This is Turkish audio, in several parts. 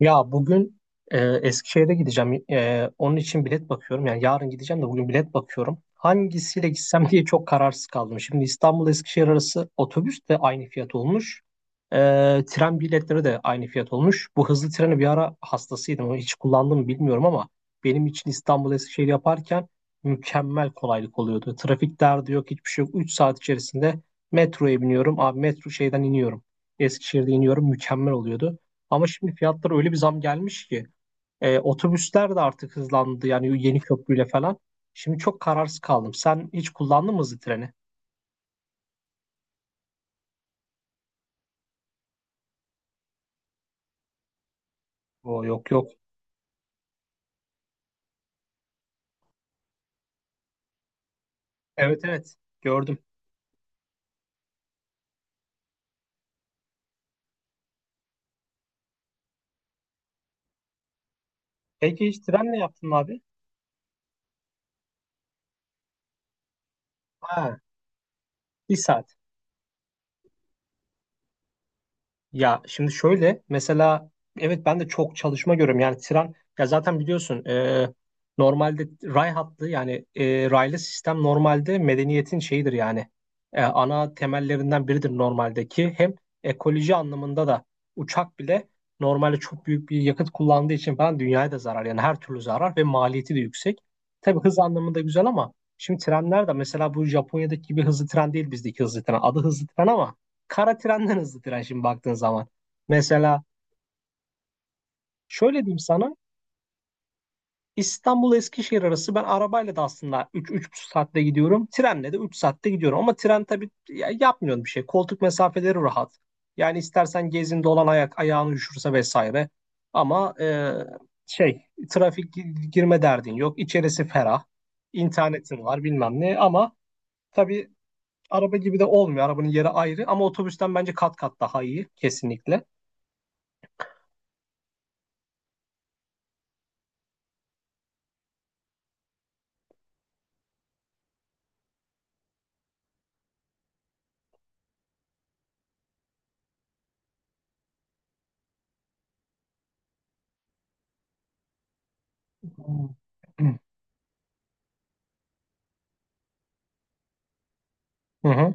Ya bugün Eskişehir'e gideceğim. Onun için bilet bakıyorum. Yani yarın gideceğim de bugün bilet bakıyorum. Hangisiyle gitsem diye çok kararsız kaldım. Şimdi İstanbul Eskişehir arası otobüs de aynı fiyat olmuş. E, tren biletleri de aynı fiyat olmuş. Bu hızlı treni bir ara hastasıydım. Onu hiç kullandım mı bilmiyorum ama benim için İstanbul Eskişehir yaparken mükemmel kolaylık oluyordu. Trafik derdi yok, hiçbir şey yok. 3 saat içerisinde metroya biniyorum. Abi metro şeyden iniyorum. Eskişehir'de iniyorum. Mükemmel oluyordu. Ama şimdi fiyatlara öyle bir zam gelmiş ki otobüsler de artık hızlandı, yani yeni köprüyle falan. Şimdi çok kararsız kaldım. Sen hiç kullandın mı hızlı treni? Oo, yok yok. Evet evet, gördüm. Peki hiç trenle yaptın mı abi? Ha, bir saat. Ya şimdi şöyle mesela, evet, ben de çok çalışma görüyorum yani tren, ya zaten biliyorsun normalde ray hattı, yani raylı sistem normalde medeniyetin şeyidir yani. Ana temellerinden biridir normaldeki, hem ekoloji anlamında da uçak bile normalde çok büyük bir yakıt kullandığı için falan dünyaya da zarar, yani her türlü zarar, ve maliyeti de yüksek. Tabii hız anlamında güzel ama şimdi trenler de mesela bu Japonya'daki gibi hızlı tren değil, bizdeki hızlı tren adı hızlı tren ama kara trenden hızlı tren şimdi baktığın zaman. Mesela şöyle diyeyim sana, İstanbul Eskişehir arası ben arabayla da aslında 3-3,5 saatte gidiyorum. Trenle de 3 saatte gidiyorum. Ama tren tabii yapmıyorsun bir şey. Koltuk mesafeleri rahat. Yani istersen gezin dolan, ayak ayağını üşürse vesaire. Ama şey trafik girme derdin yok. İçerisi ferah. İnternetin var, bilmem ne ama tabii araba gibi de olmuyor. Arabanın yeri ayrı ama otobüsten bence kat kat daha iyi, kesinlikle. Hmm. Hı hı.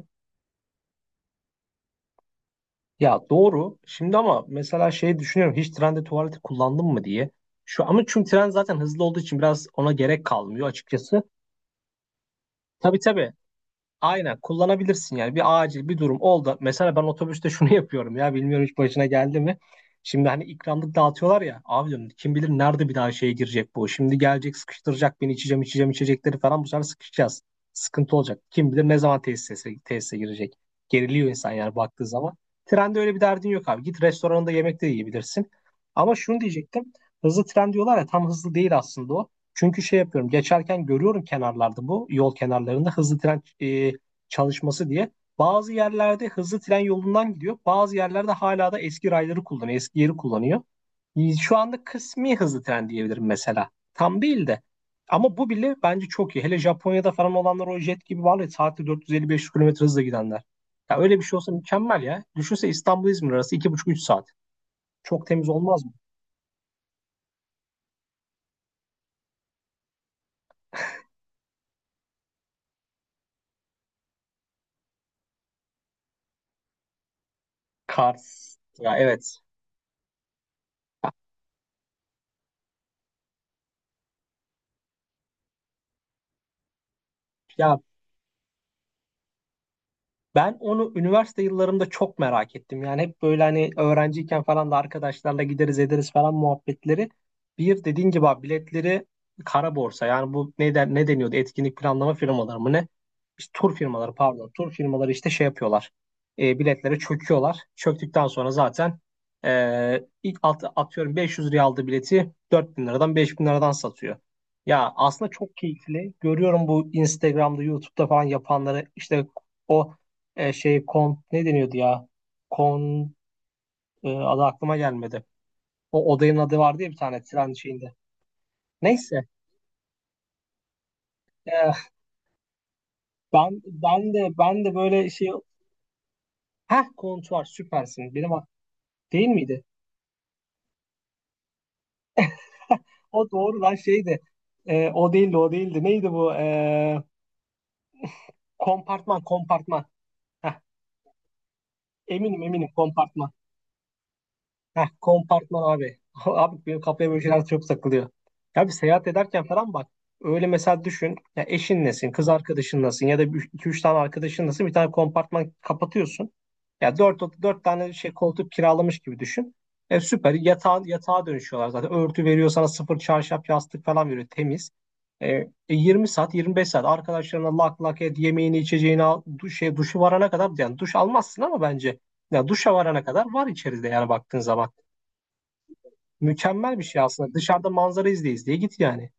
Ya doğru. Şimdi ama mesela şey düşünüyorum. Hiç trende tuvaleti kullandın mı diye. Şu ama, çünkü tren zaten hızlı olduğu için biraz ona gerek kalmıyor açıkçası. Tabii tabii. Aynen kullanabilirsin yani, bir acil bir durum oldu. Mesela ben otobüste şunu yapıyorum ya, bilmiyorum, hiç başına geldi mi? Şimdi hani ikramlık dağıtıyorlar ya abi, diyorum kim bilir nerede bir daha şeye girecek bu. Şimdi gelecek sıkıştıracak beni, içeceğim içeceğim içecekleri falan, bu sefer sıkışacağız. Sıkıntı olacak. Kim bilir ne zaman tesise, tesise girecek. Geriliyor insan yani baktığı zaman. Trende öyle bir derdin yok abi. Git restoranında yemek de yiyebilirsin. Ama şunu diyecektim. Hızlı tren diyorlar ya, tam hızlı değil aslında o. Çünkü şey yapıyorum, geçerken görüyorum kenarlarda, bu yol kenarlarında hızlı tren çalışması diye. Bazı yerlerde hızlı tren yolundan gidiyor. Bazı yerlerde hala da eski rayları kullanıyor. Eski yeri kullanıyor. Şu anda kısmi hızlı tren diyebilirim mesela. Tam değil de. Ama bu bile bence çok iyi. Hele Japonya'da falan olanlar o jet gibi var ya, saatte 450-500 kilometre hızla gidenler. Ya öyle bir şey olsa mükemmel ya. Düşünse İstanbul İzmir arası iki buçuk üç saat. Çok temiz olmaz mı? Kars. Ya evet. Ya ben onu üniversite yıllarımda çok merak ettim. Yani hep böyle hani, öğrenciyken falan da arkadaşlarla gideriz ederiz falan muhabbetleri. Bir dediğin gibi abi biletleri kara borsa. Yani bu ne deniyordu? Etkinlik planlama firmaları mı ne? İşte tur firmaları, pardon. Tur firmaları işte şey yapıyorlar. Biletlere çöküyorlar. Çöktükten sonra zaten ilk atıyorum 500 liraya aldığı bileti 4.000 liradan 5.000 liradan satıyor. Ya aslında çok keyifli. Görüyorum bu Instagram'da, YouTube'da falan yapanları işte o şey ne deniyordu ya? Kon adı aklıma gelmedi. O odanın adı vardı ya bir tane tren şeyinde. Neyse. e, ben de böyle şey. Heh, kontuar, süpersin. Benim değil miydi? O doğru lan şeydi. O değildi, o değildi. Neydi bu? Kompartman kompartman. Heh, eminim eminim kompartman. Heh, kompartman abi. Abi benim kafaya böyle şeyler çok takılıyor. Ya bir seyahat ederken falan bak. Öyle mesela düşün. Ya eşin nesin, kız arkadaşın nasın ya da iki üç tane arkadaşın nasın, bir tane kompartman kapatıyorsun. Ya dört tane şey koltuk kiralamış gibi düşün. Süper, yatağa dönüşüyorlar zaten. Örtü veriyor sana sıfır, çarşaf yastık falan veriyor, temiz. Yirmi saat 25 saat arkadaşlarına lak lak et, yemeğini içeceğini al, duşu varana kadar, yani duş almazsın ama bence ya duşa varana kadar var içeride yani baktığın zaman. Mükemmel bir şey aslında. Dışarıda manzara izle izleye git yani.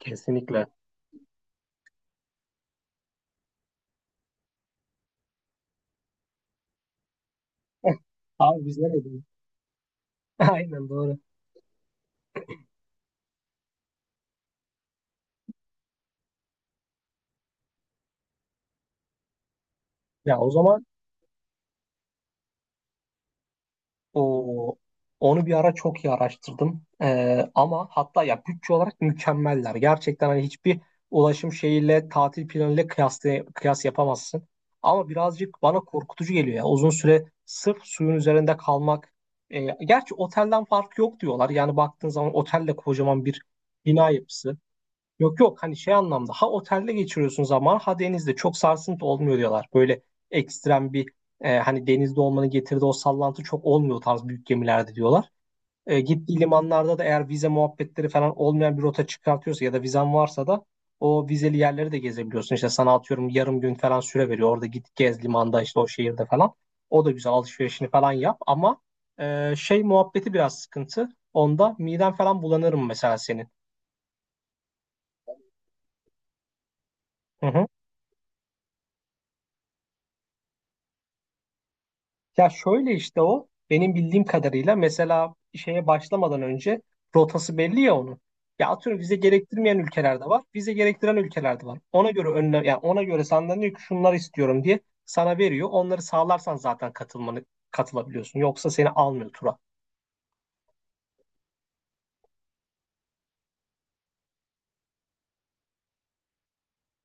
Kesinlikle. Abi biz ne dedik? Aynen doğru. Ya o zaman o onu bir ara çok iyi araştırdım. Ama hatta ya bütçe olarak mükemmeller. Gerçekten hani hiçbir ulaşım şeyiyle, tatil planıyla kıyas yapamazsın. Ama birazcık bana korkutucu geliyor ya. Uzun süre sırf suyun üzerinde kalmak. Gerçi otelden fark yok diyorlar. Yani baktığın zaman otel de kocaman bir bina yapısı. Yok yok, hani şey anlamda, ha otelde geçiriyorsun zaman, ha denizde, çok sarsıntı olmuyor diyorlar. Böyle ekstrem bir hani denizde olmanın getirdiği o sallantı çok olmuyor tarz büyük gemilerde diyorlar. Gittiği limanlarda da eğer vize muhabbetleri falan olmayan bir rota çıkartıyorsa, ya da vizen varsa da o vizeli yerleri de gezebiliyorsun. İşte sana atıyorum yarım gün falan süre veriyor. Orada git gez limanda, işte o şehirde falan. O da güzel, alışverişini falan yap ama şey muhabbeti biraz sıkıntı. Onda miden falan bulanırım mesela senin. Hı hı. Ya şöyle işte, o benim bildiğim kadarıyla mesela şeye başlamadan önce rotası belli ya onun. Ya atıyorum vize gerektirmeyen ülkeler de var, vize gerektiren ülkeler de var. Ona göre önlem, yani ona göre senden diyor ki şunlar istiyorum diye sana veriyor. Onları sağlarsan zaten katılabiliyorsun. Yoksa seni almıyor tura.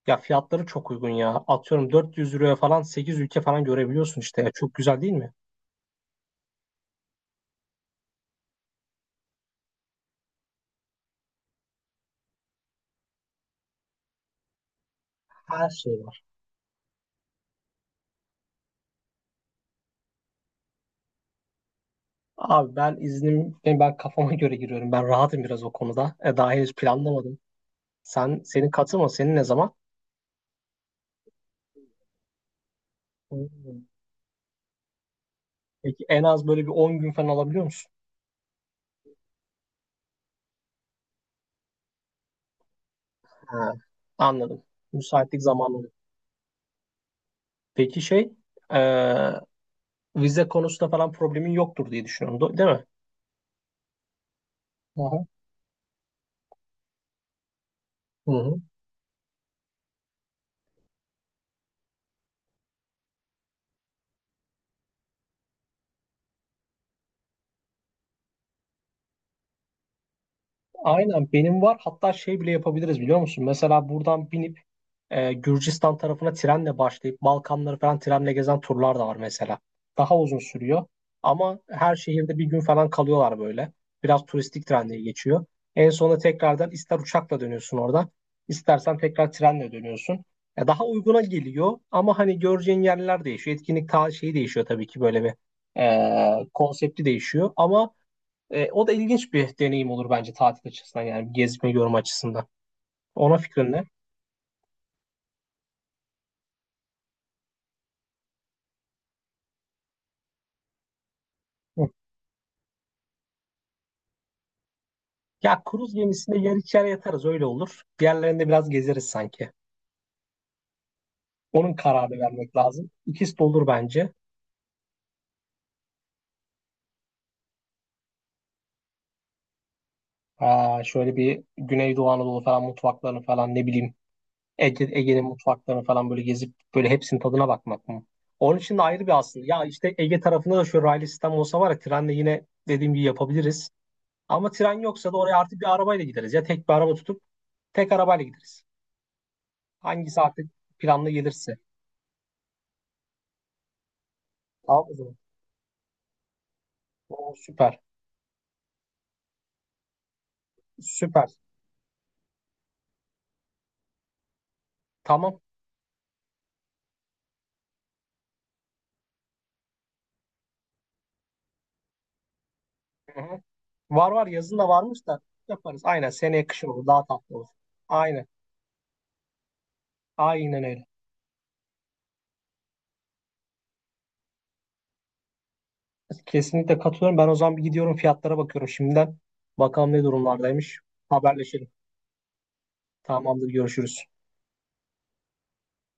Ya fiyatları çok uygun ya. Atıyorum 400 euroya falan 8 ülke falan görebiliyorsun işte. Ya çok güzel değil mi? Her şey var. Abi ben kafama göre giriyorum. Ben rahatım biraz o konuda. Daha henüz planlamadım. Senin ne zaman? Hmm. Peki en az böyle bir 10 gün falan alabiliyor musun? Ha, anladım. Müsaitlik zamanları. Peki şey e, vize konusunda falan problemin yoktur diye düşünüyorum. Değil mi? Aha. Hı hı. Hı. Aynen benim var. Hatta şey bile yapabiliriz, biliyor musun? Mesela buradan binip Gürcistan tarafına trenle başlayıp Balkanları falan trenle gezen turlar da var mesela. Daha uzun sürüyor ama her şehirde bir gün falan kalıyorlar böyle. Biraz turistik, trenle geçiyor. En sonunda tekrardan ister uçakla dönüyorsun oradan, istersen tekrar trenle dönüyorsun. Ya daha uyguna geliyor ama hani göreceğin yerler değişiyor. Etkinlik ta şeyi değişiyor tabii ki, böyle bir konsepti değişiyor ama o da ilginç bir deneyim olur bence, tatil açısından yani, gezme yorum açısından. Ona fikrin ne? Hı. Ya kruz gemisinde yer içer yatarız, öyle olur. Diğerlerinde biraz gezeriz sanki. Onun kararı vermek lazım. İkisi de olur bence. Aa, şöyle bir Güneydoğu Anadolu falan mutfaklarını falan, ne bileyim, Ege'nin mutfaklarını falan böyle gezip böyle hepsinin tadına bakmak mı? Onun için de ayrı bir aslında. Ya işte Ege tarafında da şöyle raylı sistem olsa var ya, trenle yine dediğim gibi yapabiliriz. Ama tren yoksa da oraya artık bir arabayla gideriz. Ya tek bir araba tutup tek arabayla gideriz. Hangisi artık planlı gelirse. Tamam o zaman. Oo, süper. Süper. Tamam. Hı-hı. Var var, yazın da varmış da yaparız. Aynen, seneye kışın olur. Daha tatlı olur. Aynen. Aynen öyle. Kesinlikle katılıyorum. Ben o zaman bir gidiyorum, fiyatlara bakıyorum şimdiden. Bakalım ne durumlardaymış. Haberleşelim. Tamamdır. Görüşürüz.